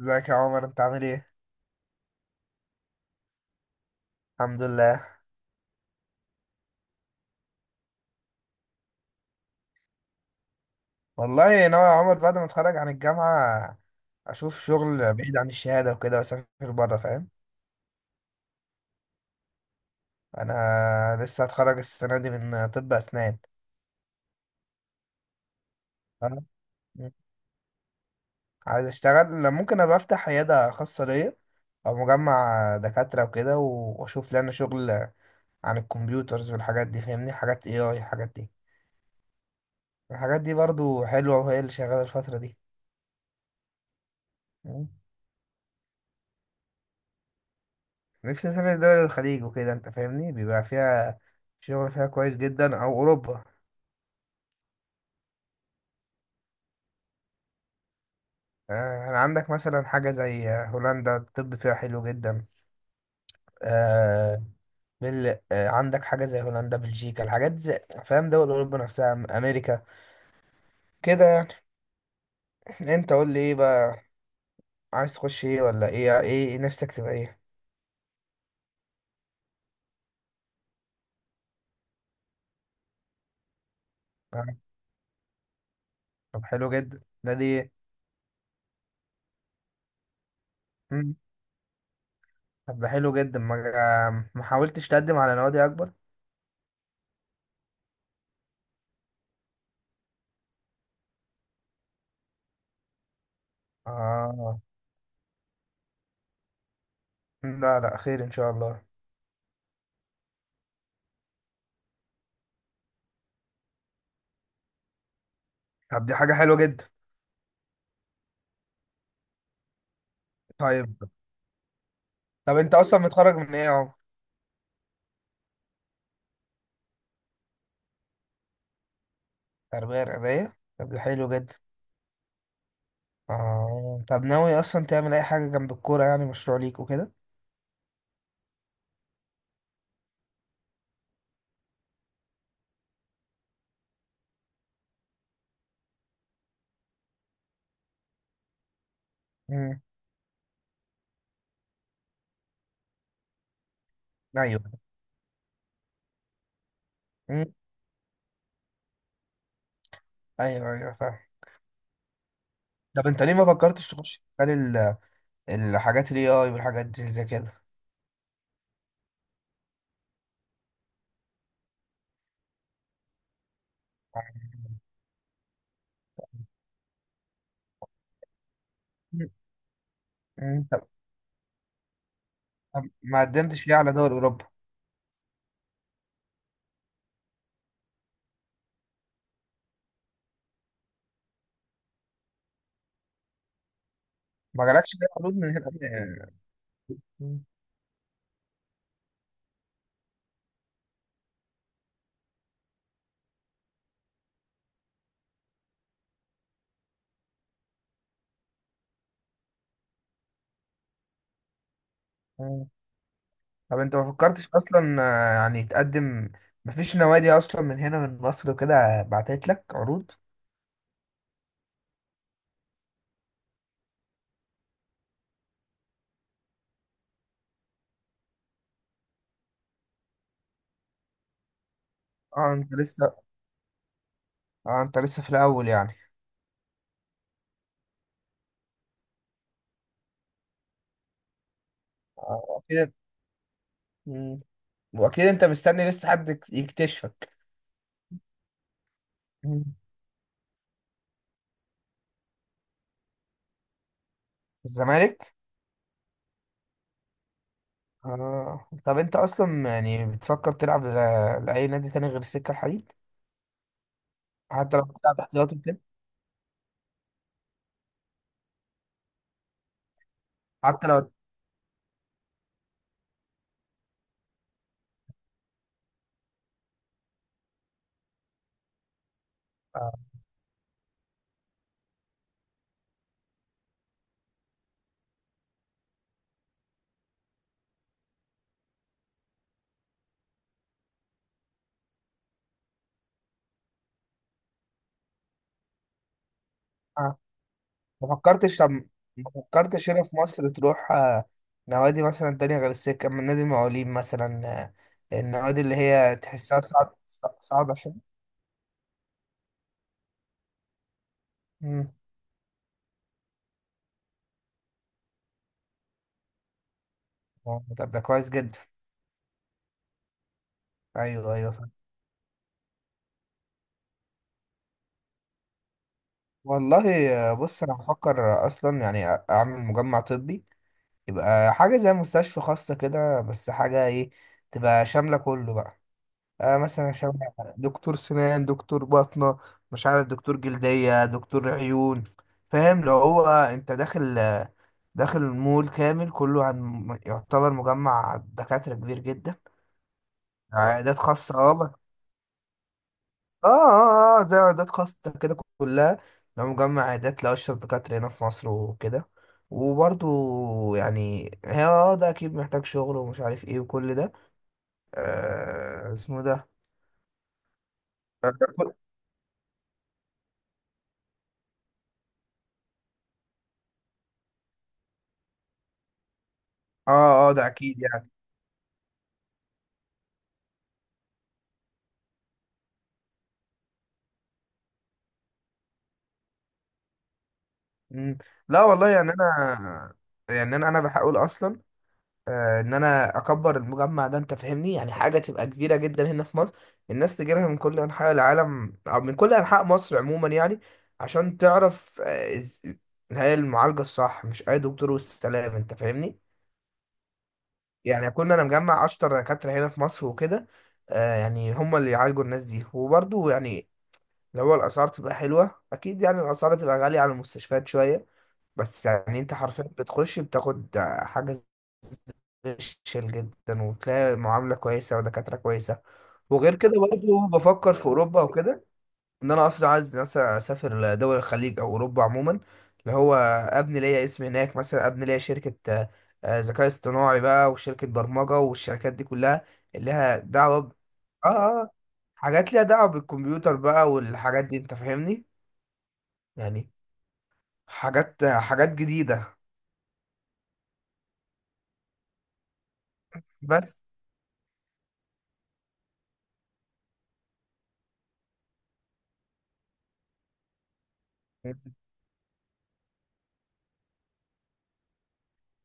ازيك يا عمر انت عامل ايه؟ الحمد لله. والله ناوي يا عمر بعد ما اتخرج عن الجامعة اشوف شغل بعيد عن الشهادة وكده واسافر بره، فاهم. انا لسه هتخرج السنة دي من طب اسنان، فاهم؟ مم. عايز اشتغل، ممكن ابقى افتح عيادة خاصة ليا او مجمع دكاترة وكده واشوف لنا شغل عن الكمبيوترز والحاجات دي، فاهمني، حاجات اي اي، الحاجات دي الحاجات دي برضو حلوة وهي اللي شغالة الفترة دي. نفسي اسافر دول الخليج وكده، انت فاهمني، بيبقى فيها شغل، فيها كويس جدا، او اوروبا. آه، يعني عندك مثلا حاجه زي هولندا، الطب فيها حلو جدا. آه، بل... آه، عندك حاجه زي هولندا، بلجيكا، الحاجات زي، فاهم، دول اوروبا نفسها، امريكا كده يعني. انت قول لي ايه بقى، عايز تخش ايه، ولا ايه ايه نفسك تبقى ايه؟ آه، طب حلو جدا ده دي. مم. طب ده حلو جدا، ما حاولتش تقدم على نوادي اكبر؟ اه. لا لا، خير ان شاء الله. طب دي حاجة حلوة جدا. طيب، طب انت اصلا متخرج من ايه اهو؟ تربية رياضية، طب ده حلو جدا. اه، طب ناوي اصلا تعمل اي حاجة جنب الكورة يعني، مشروع ليك وكده؟ امم، ايوه، امم، ايوه ايوه، فاهم. طب انت ليه ما فكرتش تخش مجال الحاجات الاي اي والحاجات دي زي كده؟ مم. طب، ما قدمتش ليه على دول اوروبا؟ ما جالكش ليه عروض من هنا؟ مم. طب انت ما فكرتش اصلا، يعني تقدم؟ مفيش نوادي اصلا من هنا من مصر وكده بعتت لك عروض؟ اه انت لسه، اه انت لسه في الاول يعني. اكيد. مم. واكيد انت مستني لسه حد يكتشفك. مم. الزمالك. طب انت اصلا يعني بتفكر تلعب لاي نادي تاني غير السكة الحديد؟ حتى لو بتلعب احتياطي كده. حتى لو. آه. ما فكرتش، طب ما فكرتش هنا في مصر تروح نوادي مثلا تانية غير السكة، من نادي المقاولين مثلا، النوادي اللي هي تحسها صعب؟ صعبة شوية. مم. طب ده كويس جدا. ايوه ايوه فاهم. والله، بص انا بفكر اصلا يعني اعمل مجمع طبي، يبقى حاجة زي مستشفى خاصة كده، بس حاجة ايه، تبقى شاملة كله بقى. آه مثلا شبه دكتور سنان، دكتور باطنة، مش عارف، دكتور جلدية، دكتور عيون، فاهم؟ لو هو انت داخل، داخل المول كامل كله، عن يعتبر مجمع دكاترة كبير جدا، عيادات خاصة، اه اه اه. زي عيادات خاصة كده كلها، لو مجمع عيادات لأشهر دكاترة هنا في مصر وكده. وبرضو يعني هي اه، ده أكيد محتاج شغل ومش عارف ايه وكل ده. آه اسمه ده. اه، اه ده أكيد يعني. مم. لا والله يعني انا، يعني انا بحاول اصلا، ان انا اكبر المجمع ده، انت فاهمني، يعني حاجه تبقى كبيره جدا هنا في مصر، الناس تجي لها من كل انحاء العالم او من كل انحاء مصر عموما يعني، عشان تعرف إن هي المعالجه الصح، مش اي دكتور والسلام، انت فاهمني. يعني اكون انا مجمع اشطر دكاتره هنا في مصر وكده، يعني هم اللي يعالجوا الناس دي. وبرضه يعني لو الاسعار تبقى حلوه، اكيد يعني الاسعار تبقى غاليه على المستشفيات شويه، بس يعني انت حرفيا بتخش بتاخد حاجة سبيشال جدا، وتلاقي معاملة كويسة ودكاترة كويسة. وغير كده برضه بفكر في أوروبا وكده، إن أنا أصلا عايز مثلا أسافر لدول الخليج أو أوروبا عموما، اللي هو أبني ليا اسم هناك، مثلا أبني ليا شركة ذكاء اصطناعي بقى، وشركة برمجة، والشركات دي كلها اللي لها دعوة ب... آه آه آه، حاجات ليها دعوة بالكمبيوتر بقى والحاجات دي، أنت فاهمني؟ يعني حاجات جديدة. بس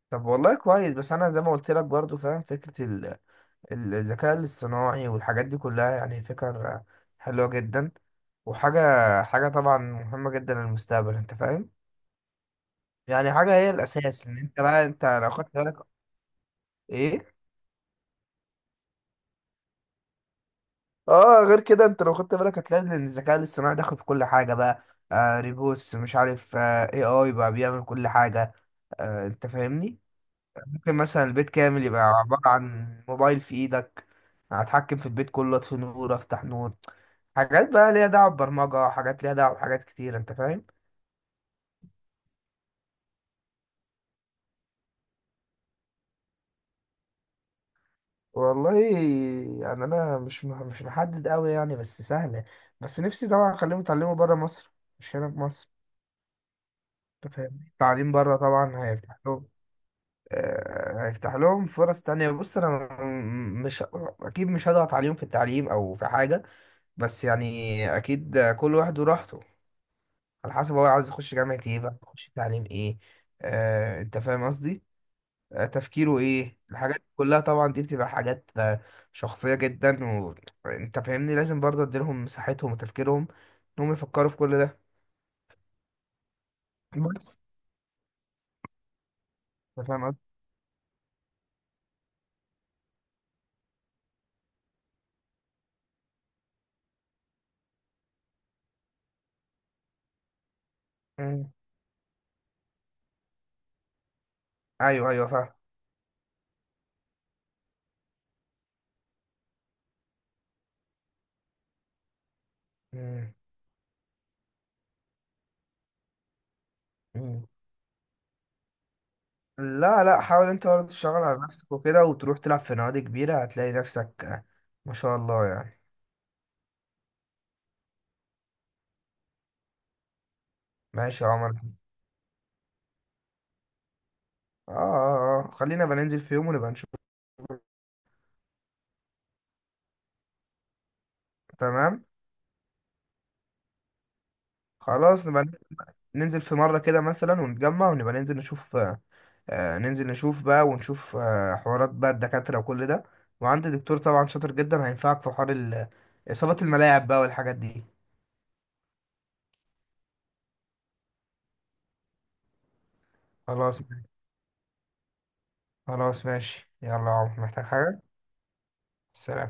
طب والله كويس، بس انا زي ما قلت لك برضو فاهم فكرة الذكاء الاصطناعي والحاجات دي كلها، يعني فكر حلوة جدا، وحاجة، حاجة طبعا مهمة جدا للمستقبل، انت فاهم. يعني حاجة هي الاساس، ان انت بقى انت لو خدت بالك. ايه. اه، غير كده انت لو خدت بالك هتلاقي ان الذكاء الاصطناعي داخل في كل حاجة بقى، آه ريبوتس، مش عارف، آه اي اي بقى بيعمل كل حاجة، آه انت فاهمني. ممكن مثلا البيت كامل يبقى عبارة عن موبايل في ايدك، هتحكم في البيت كله، اطفي نور، افتح نور، حاجات بقى ليها دعوة ببرمجة، حاجات ليها دعوة بحاجات كتير، انت فاهم. والله يعني انا مش محدد قوي يعني، بس سهله. بس نفسي طبعا اخليهم يتعلموا بره مصر، مش هنا في مصر. انت فاهم التعليم بره طبعا هيفتح لهم، هيفتح لهم فرص تانية. بص أنا، م- مش أكيد مش هضغط عليهم في التعليم أو في حاجة، بس يعني أكيد كل واحد وراحته، على حسب هو عاوز يخش جامعة ايه بقى، يخش تعليم ايه، آه انت فاهم قصدي. آه تفكيره ايه، الحاجات دي كلها طبعا دي بتبقى حاجات شخصية جدا، وانت فاهمني لازم برضه اديلهم مساحتهم وتفكيرهم انهم يفكروا في كل ده. بس انت فاهم قصدي. مم. ايوه ايوه فاهم. مم. مم. لا لا، حاول انت برضه تشتغل على نفسك وكده، وتروح تلعب في نوادي كبيرة، هتلاقي نفسك، ما شاء الله يعني. ماشي يا عمر. اه اه اه، خلينا بننزل في يوم ونبقى نشوف. تمام. خلاص نبقى ننزل في مرة كده مثلا ونتجمع، ونبقى ننزل نشوف، ننزل نشوف بقى ونشوف حوارات بقى الدكاترة وكل ده. وعندي دكتور طبعا شاطر جدا هينفعك في حوار إصابات الملاعب بقى والحاجات دي. خلاص. خلاص ماشي، يلا يا عمر، محتاج حاجة؟ سلام.